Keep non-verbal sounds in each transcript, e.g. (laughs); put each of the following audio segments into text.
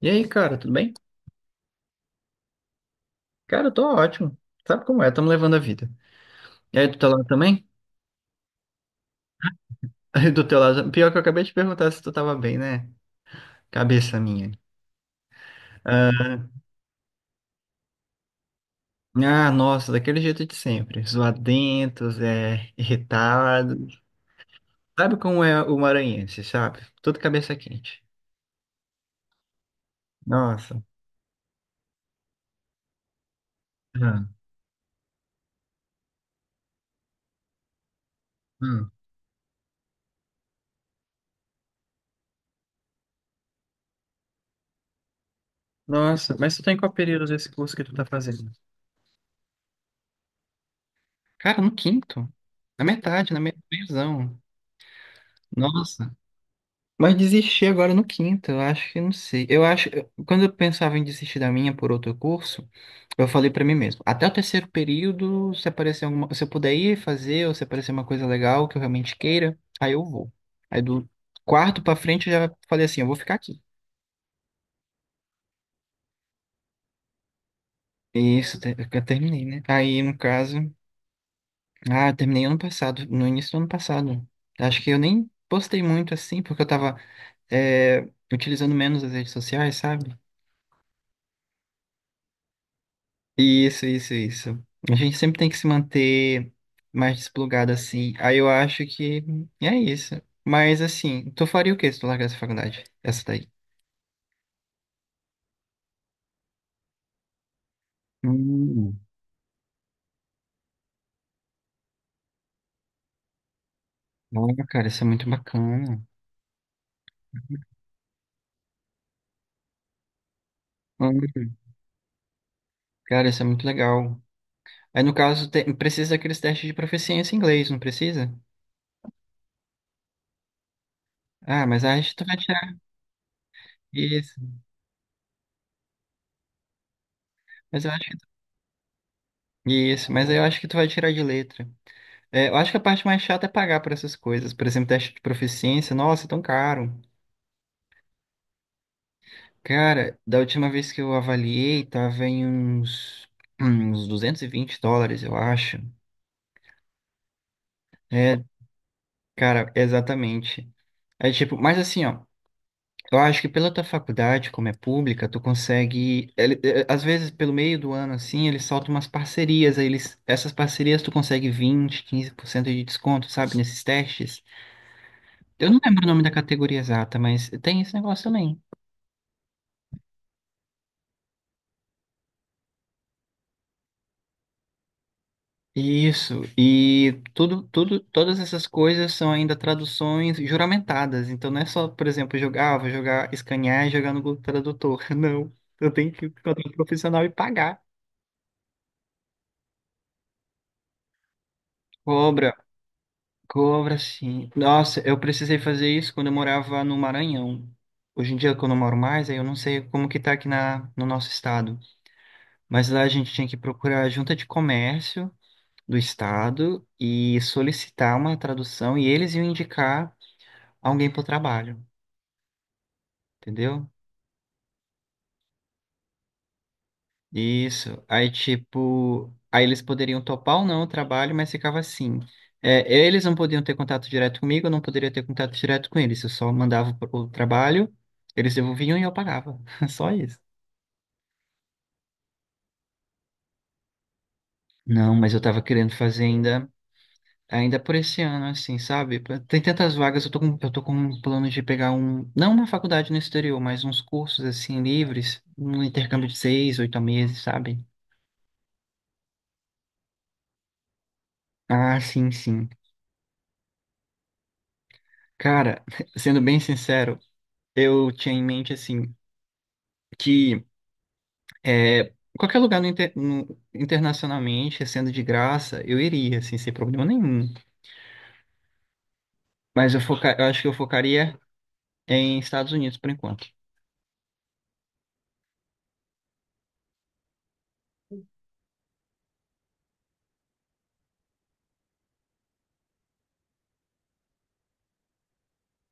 E aí, cara, tudo bem? Cara, eu tô ótimo. Sabe como é? Tamo levando a vida. E aí, do teu lado também? (laughs) Aí, do teu lado. Pior que eu acabei de perguntar se tu tava bem, né? Cabeça minha. Ah, ah, nossa, daquele jeito de sempre. Zoadentos, irritado. Sabe como é o maranhense, sabe? Tudo cabeça quente. Nossa. Ah, hum. Nossa, mas tu tá em qual período desse curso que tu tá fazendo? Cara, no quinto. Na metade, na metadezão. Nossa. Mas desisti agora no quinto, eu acho que não sei. Quando eu pensava em desistir da minha por outro curso, eu falei pra mim mesmo, até o terceiro período, se aparecer alguma, se eu puder ir fazer, ou se aparecer uma coisa legal que eu realmente queira, aí eu vou. Aí do quarto pra frente eu já falei assim, eu vou ficar aqui. E isso, eu terminei, né? Aí, no caso, ah, eu terminei ano passado, no início do ano passado. Acho que eu nem postei muito assim, porque eu tava, é, utilizando menos as redes sociais, sabe? Isso, isso, isso. A gente sempre tem que se manter mais desplugado assim. Aí eu acho que é isso. Mas assim, tu faria o quê se tu largasse a faculdade? Essa daí. Hum, olha, cara, isso é muito bacana. Hum, cara, isso é muito legal. Aí no caso, precisa daqueles testes de proficiência em inglês, não precisa? Ah, mas acho que tu vai tirar isso. Mas eu acho que tu... Isso, mas eu acho que tu vai tirar de letra. É, eu acho que a parte mais chata é pagar por essas coisas. Por exemplo, teste de proficiência, nossa, é tão caro. Cara, da última vez que eu avaliei, tava em uns US$ 220, eu acho. É, cara, exatamente. É tipo, mas assim, ó, eu acho que pela tua faculdade, como é pública, tu consegue. Às vezes, pelo meio do ano, assim, eles soltam umas parcerias, aí eles, essas parcerias tu consegue 20, 15% de desconto, sabe, nesses testes. Eu não lembro o nome da categoria exata, mas tem esse negócio também. Isso, e tudo, tudo, todas essas coisas são ainda traduções juramentadas, então não é só, por exemplo, jogar, ah, vou jogar, escanear e jogar no Google Tradutor, (laughs) não, eu tenho que encontrar um profissional e pagar. Cobra, cobra sim. Nossa, eu precisei fazer isso quando eu morava no Maranhão. Hoje em dia, quando eu moro mais, aí eu não sei como que tá aqui no nosso estado, mas lá a gente tinha que procurar a junta de comércio do estado e solicitar uma tradução e eles iam indicar alguém pro trabalho, entendeu? Isso. Aí, tipo, aí eles poderiam topar ou não o trabalho, mas ficava assim. É, eles não podiam ter contato direto comigo, eu não poderia ter contato direto com eles. Eu só mandava o trabalho, eles devolviam e eu pagava. (laughs) Só isso. Não, mas eu tava querendo fazer ainda, ainda por esse ano, assim, sabe? Tem tantas vagas, eu tô com um plano de pegar um, não uma faculdade no exterior, mas uns cursos, assim, livres, um intercâmbio de 6, 8 meses, sabe? Ah, sim, sim. Cara, (laughs) sendo bem sincero, eu tinha em mente assim que qualquer lugar no internacionalmente, sendo de graça, eu iria, assim, sem problema nenhum. Mas eu acho que eu focaria em Estados Unidos por enquanto.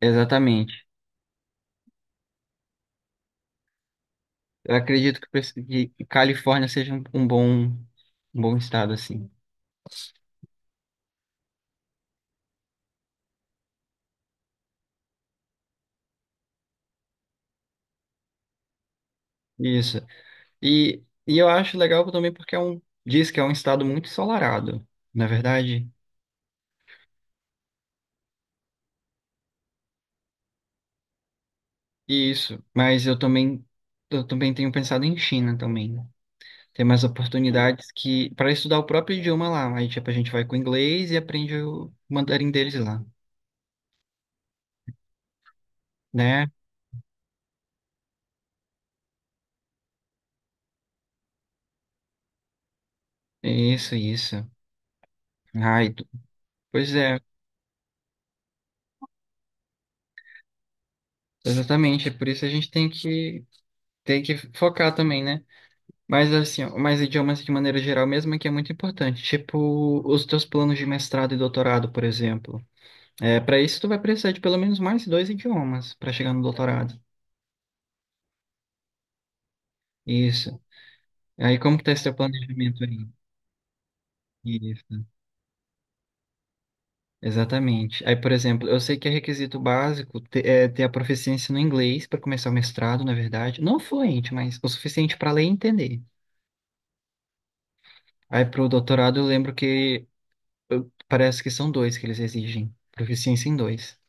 Exatamente. Eu acredito que, que Califórnia seja um, um bom estado, assim. Isso. E eu acho legal também porque é um, diz que é um estado muito ensolarado, na verdade. Isso, mas eu também tenho pensado em China também, né? Tem mais oportunidades que para estudar o próprio idioma lá, aí tipo a gente vai com o inglês e aprende o mandarim deles lá, né? Isso, isso. Ai, tu- Pois é, exatamente, é por isso a gente tem que focar também, né? Mas assim, ó, mas idiomas de maneira geral mesmo é que é muito importante, tipo os teus planos de mestrado e doutorado, por exemplo. É, para isso tu vai precisar de pelo menos mais dois idiomas para chegar no doutorado. Isso. Aí, como que tá esse teu planejamento aí? Isso, exatamente. Aí, por exemplo, eu sei que é requisito básico ter, ter a proficiência no inglês para começar o mestrado, na verdade. Não fluente, mas o suficiente para ler e entender. Aí, para o doutorado, eu lembro que parece que são dois que eles exigem. Proficiência em dois.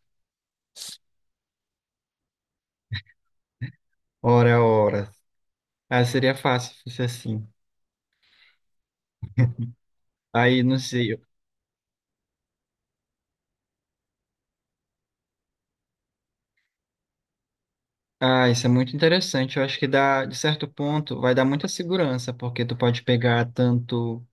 Ora, ora. Ah, seria fácil se fosse assim. Aí, não sei, ah, isso é muito interessante. Eu acho que dá, de certo ponto, vai dar muita segurança, porque tu pode pegar tanto.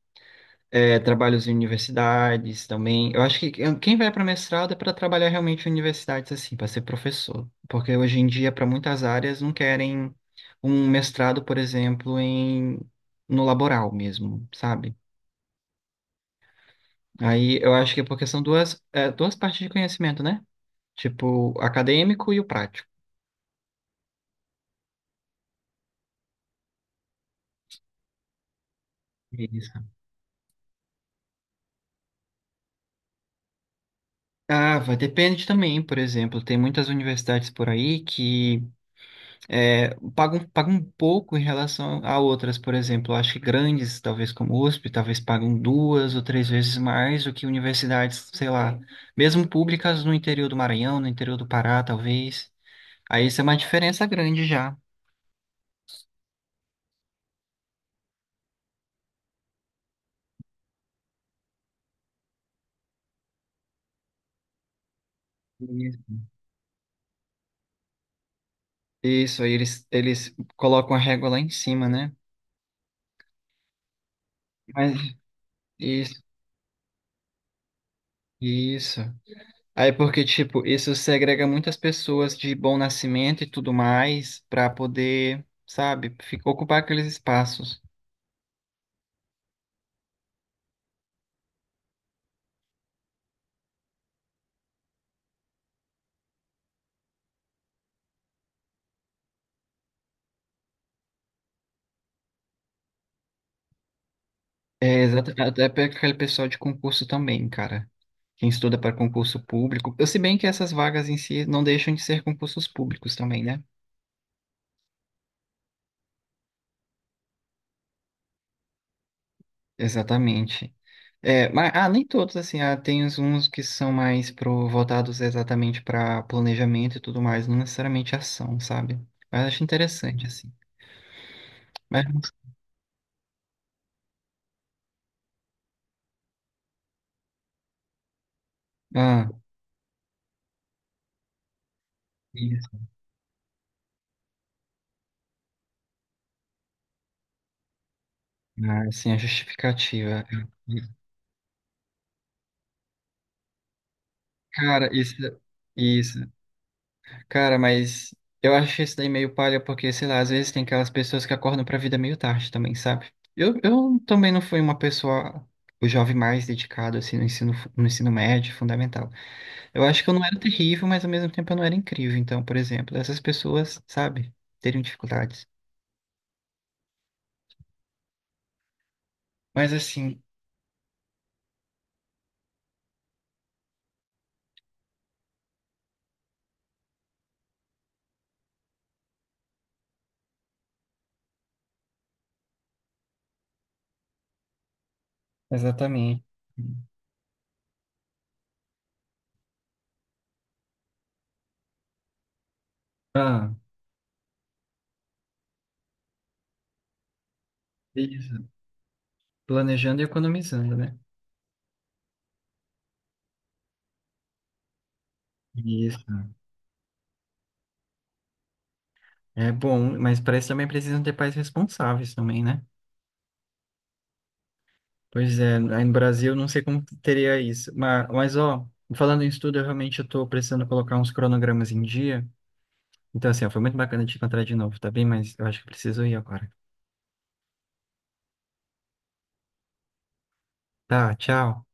É, trabalhos em universidades também. Eu acho que quem vai para mestrado é para trabalhar realmente em universidades, assim, para ser professor. Porque hoje em dia, para muitas áreas, não querem um mestrado, por exemplo, em, no laboral mesmo, sabe? Aí eu acho que é porque são duas, duas partes de conhecimento, né? Tipo, o acadêmico e o prático. Isso. Ah, vai, depende também, por exemplo, tem muitas universidades por aí que pagam pouco em relação a outras. Por exemplo, eu acho que grandes, talvez como USP, talvez pagam duas ou três vezes mais do que universidades, sei lá, mesmo públicas no interior do Maranhão, no interior do Pará, talvez. Aí isso é uma diferença grande já. E- Isso, aí eles colocam a régua lá em cima, né? Mas isso, isso. Aí porque, tipo, isso segrega muitas pessoas de bom nascimento e tudo mais para poder, sabe, ocupar aqueles espaços. É, exato, até para aquele pessoal de concurso também, cara. Quem estuda para concurso público. Eu, se bem que essas vagas em si não deixam de ser concursos públicos também, né? Exatamente. É, mas, ah, nem todos, assim, ah, tem uns que são mais pro, voltados exatamente para planejamento e tudo mais, não necessariamente ação, sabe? Mas acho interessante, assim. Mas, ah, isso, ah, assim, a justificativa. Cara, isso, isso. Cara, mas eu acho isso daí meio palha, porque, sei lá, às vezes tem aquelas pessoas que acordam pra vida meio tarde também, sabe? Eu também não fui uma pessoa, o jovem mais dedicado, assim, no ensino, no ensino médio, fundamental. Eu acho que eu não era terrível, mas ao mesmo tempo eu não era incrível. Então, por exemplo, essas pessoas, sabe, teriam dificuldades. Mas assim, exatamente. Ah, isso. Planejando e economizando, né? Isso. É bom, mas para isso também precisam ter pais responsáveis também, né? Pois é, aí no Brasil não sei como teria isso. Mas, ó, falando em estudo, eu realmente estou precisando colocar uns cronogramas em dia. Então, assim, ó, foi muito bacana te encontrar de novo, tá bem? Mas eu acho que preciso ir agora. Tá, tchau.